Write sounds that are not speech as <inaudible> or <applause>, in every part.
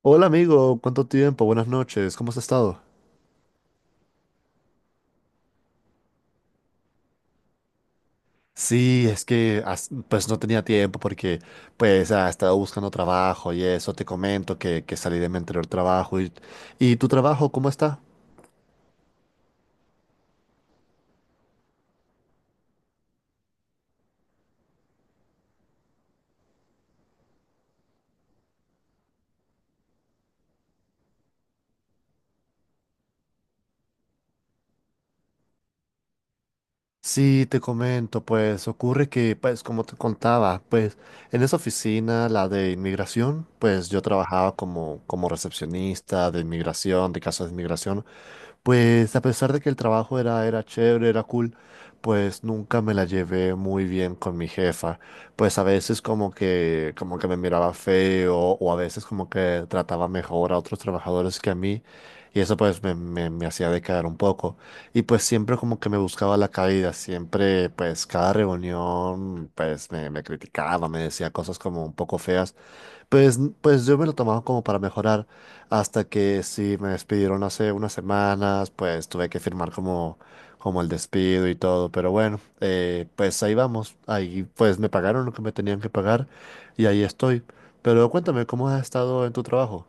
Hola amigo, ¿cuánto tiempo? Buenas noches, ¿cómo has estado? Sí, es que pues no tenía tiempo porque pues estaba buscando trabajo y eso, te comento que salí de mi anterior trabajo y tu trabajo, ¿cómo está? Sí, te comento, pues ocurre que, pues como te contaba, pues en esa oficina, la de inmigración, pues yo trabajaba como recepcionista de inmigración, de casos de inmigración, pues a pesar de que el trabajo era chévere, era cool, pues nunca me la llevé muy bien con mi jefa. Pues a veces como que me miraba feo o a veces como que trataba mejor a otros trabajadores que a mí y eso pues me hacía decaer un poco. Y pues siempre como que me buscaba la caída, siempre pues cada reunión me criticaba, me decía cosas como un poco feas. Pues yo me lo tomaba como para mejorar hasta que sí me despidieron hace unas semanas, pues tuve que firmar como el despido y todo, pero bueno, pues ahí vamos, ahí pues me pagaron lo que me tenían que pagar y ahí estoy. Pero cuéntame, ¿cómo has estado en tu trabajo?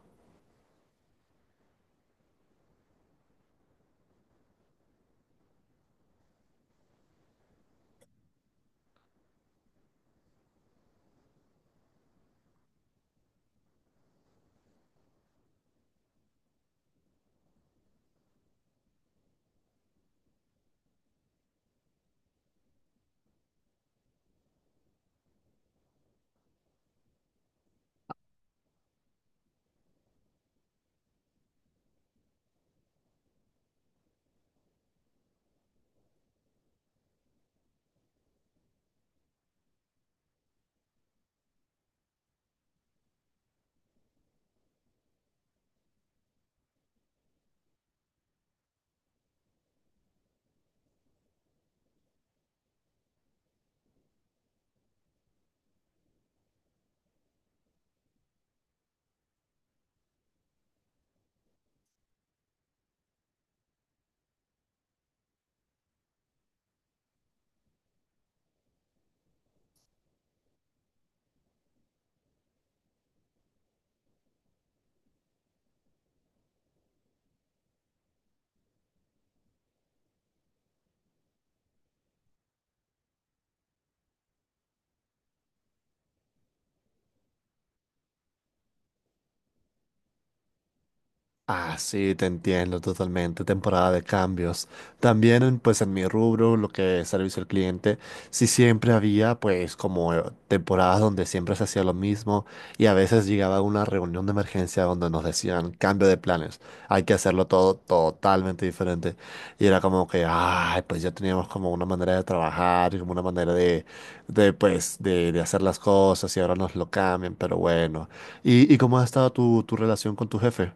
Ah, sí, te entiendo totalmente. Temporada de cambios. También, pues, en mi rubro, lo que es servicio al cliente, sí siempre había, pues, como temporadas donde siempre se hacía lo mismo y a veces llegaba una reunión de emergencia donde nos decían cambio de planes. Hay que hacerlo todo totalmente diferente. Y era como que, ay, pues ya teníamos como una manera de trabajar y como una manera de pues, de hacer las cosas y ahora nos lo cambian, pero bueno. ¿ y cómo ha estado tu relación con tu jefe?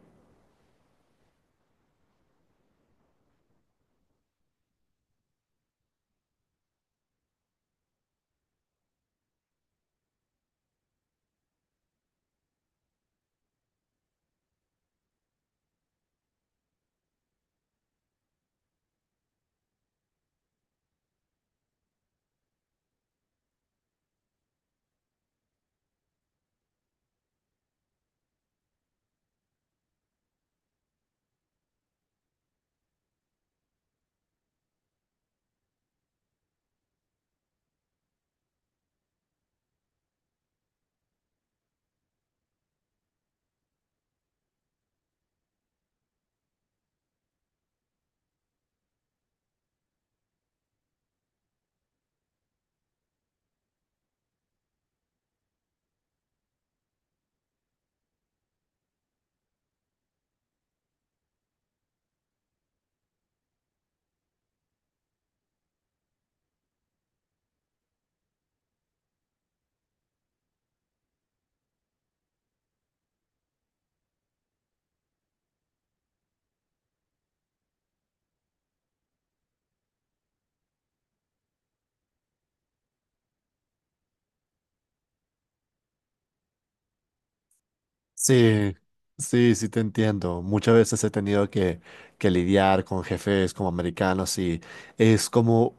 Sí, sí, sí te entiendo. Muchas veces he tenido que lidiar con jefes como americanos y es como,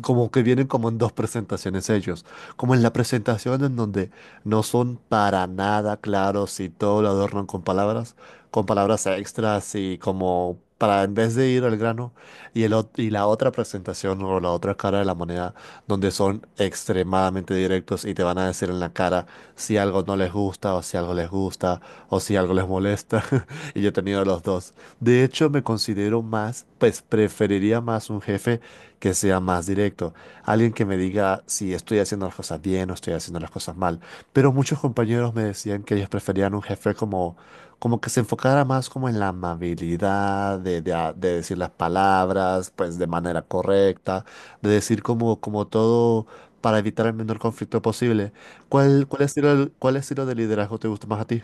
como que vienen como en dos presentaciones ellos. Como en la presentación en donde no son para nada claros y todo lo adornan con palabras extras y como para en vez de ir al grano. Y la otra presentación o la otra cara de la moneda donde son extremadamente directos y te van a decir en la cara si algo no les gusta o si algo les gusta o si algo les molesta. <laughs> Y yo he tenido los dos. De hecho, me considero más, pues preferiría más un jefe que sea más directo. Alguien que me diga si estoy haciendo las cosas bien o estoy haciendo las cosas mal. Pero muchos compañeros me decían que ellos preferían un jefe como que se enfocara más como en la amabilidad, de decir las palabras, pues de manera correcta, de decir como, como todo para evitar el menor conflicto posible. ¿ cuál estilo, ¿cuál estilo de liderazgo te gusta más a ti?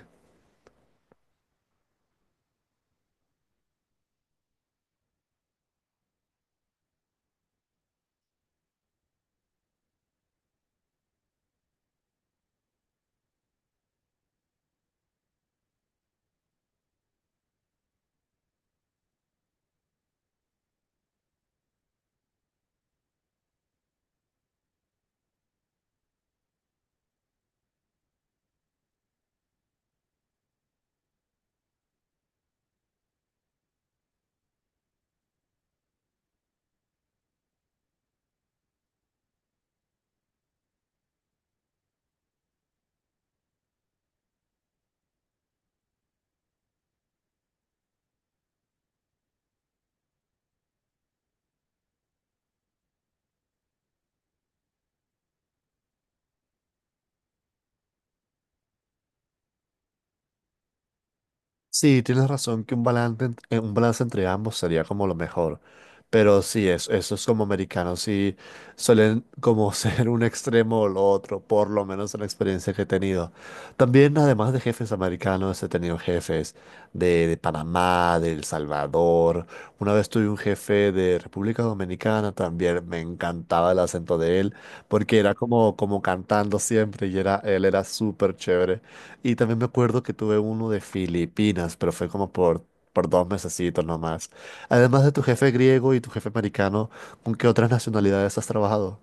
Sí, tienes razón que un balance, un balance entre ambos sería como lo mejor. Pero sí, es, eso es como americanos, sí suelen como <laughs> ser un extremo o lo otro, por lo menos en la experiencia que he tenido. También, además de jefes americanos, he tenido jefes de Panamá, de El Salvador. Una vez tuve un jefe de República Dominicana, también me encantaba el acento de él, porque era como, como cantando siempre y era, él era súper chévere. Y también me acuerdo que tuve uno de Filipinas, pero fue como por dos mesecitos nomás. Además de tu jefe griego y tu jefe americano, ¿con qué otras nacionalidades has trabajado?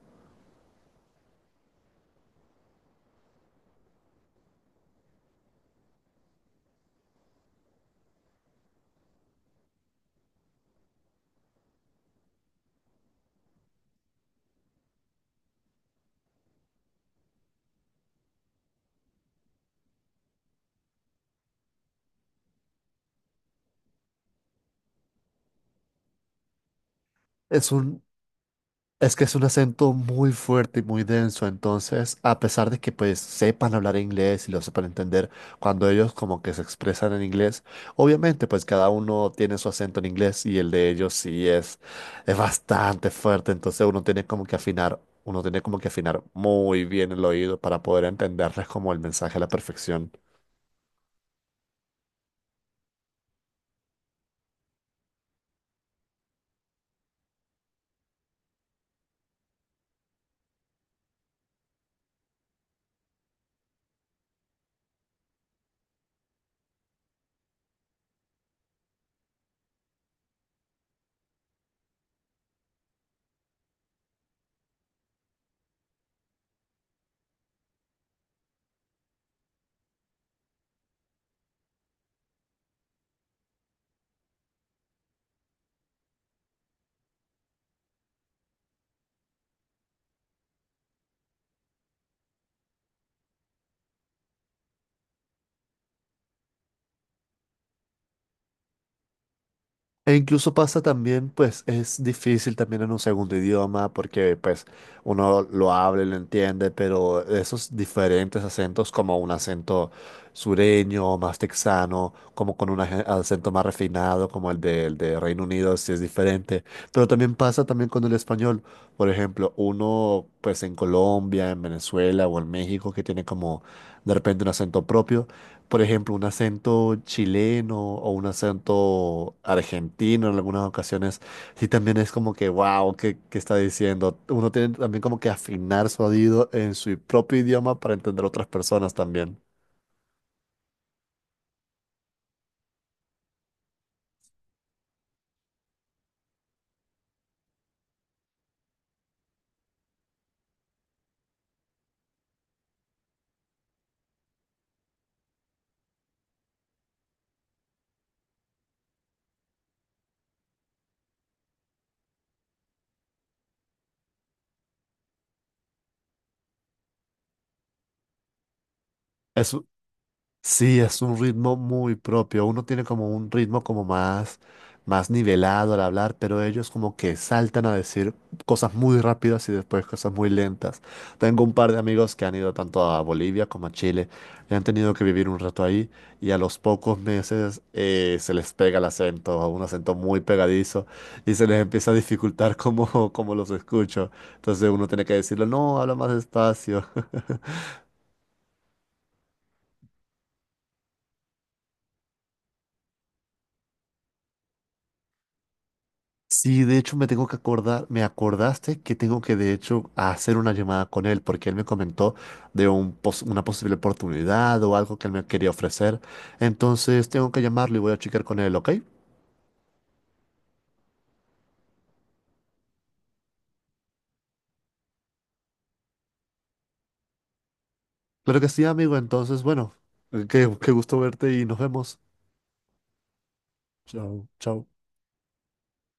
Es un Es que es un acento muy fuerte y muy denso, entonces, a pesar de que pues sepan hablar inglés y lo sepan entender, cuando ellos como que se expresan en inglés, obviamente pues cada uno tiene su acento en inglés y el de ellos sí es bastante fuerte, entonces uno tiene como que afinar, uno tiene como que afinar muy bien el oído para poder entenderles como el mensaje a la perfección. E incluso pasa también, pues es difícil también en un segundo idioma porque pues uno lo habla y lo entiende, pero esos diferentes acentos como un acento sureño, más texano, como con un acento más refinado como el del de Reino Unido, sí es diferente. Pero también pasa también con el español. Por ejemplo, uno pues en Colombia, en Venezuela o en México que tiene como de repente un acento propio por ejemplo, un acento chileno o un acento argentino en algunas ocasiones, sí también es como que, wow, ¿ qué está diciendo? Uno tiene también como que afinar su oído en su propio idioma para entender a otras personas también. Es, Sí, es un ritmo muy propio. Uno tiene como un ritmo como más nivelado al hablar, pero ellos como que saltan a decir cosas muy rápidas y después cosas muy lentas. Tengo un par de amigos que han ido tanto a Bolivia como a Chile y han tenido que vivir un rato ahí y a los pocos meses se les pega el acento, un acento muy pegadizo y se les empieza a dificultar <laughs> como, como los escucho. Entonces uno tiene que decirlo, no, habla más despacio. Sí, de hecho me tengo que acordar, me acordaste que tengo que de hecho hacer una llamada con él porque él me comentó de un una posible oportunidad o algo que él me quería ofrecer. Entonces tengo que llamarlo y voy a checar con él, ¿ok? Claro que sí, amigo. Entonces, bueno, qué gusto verte y nos vemos. Chao, chao.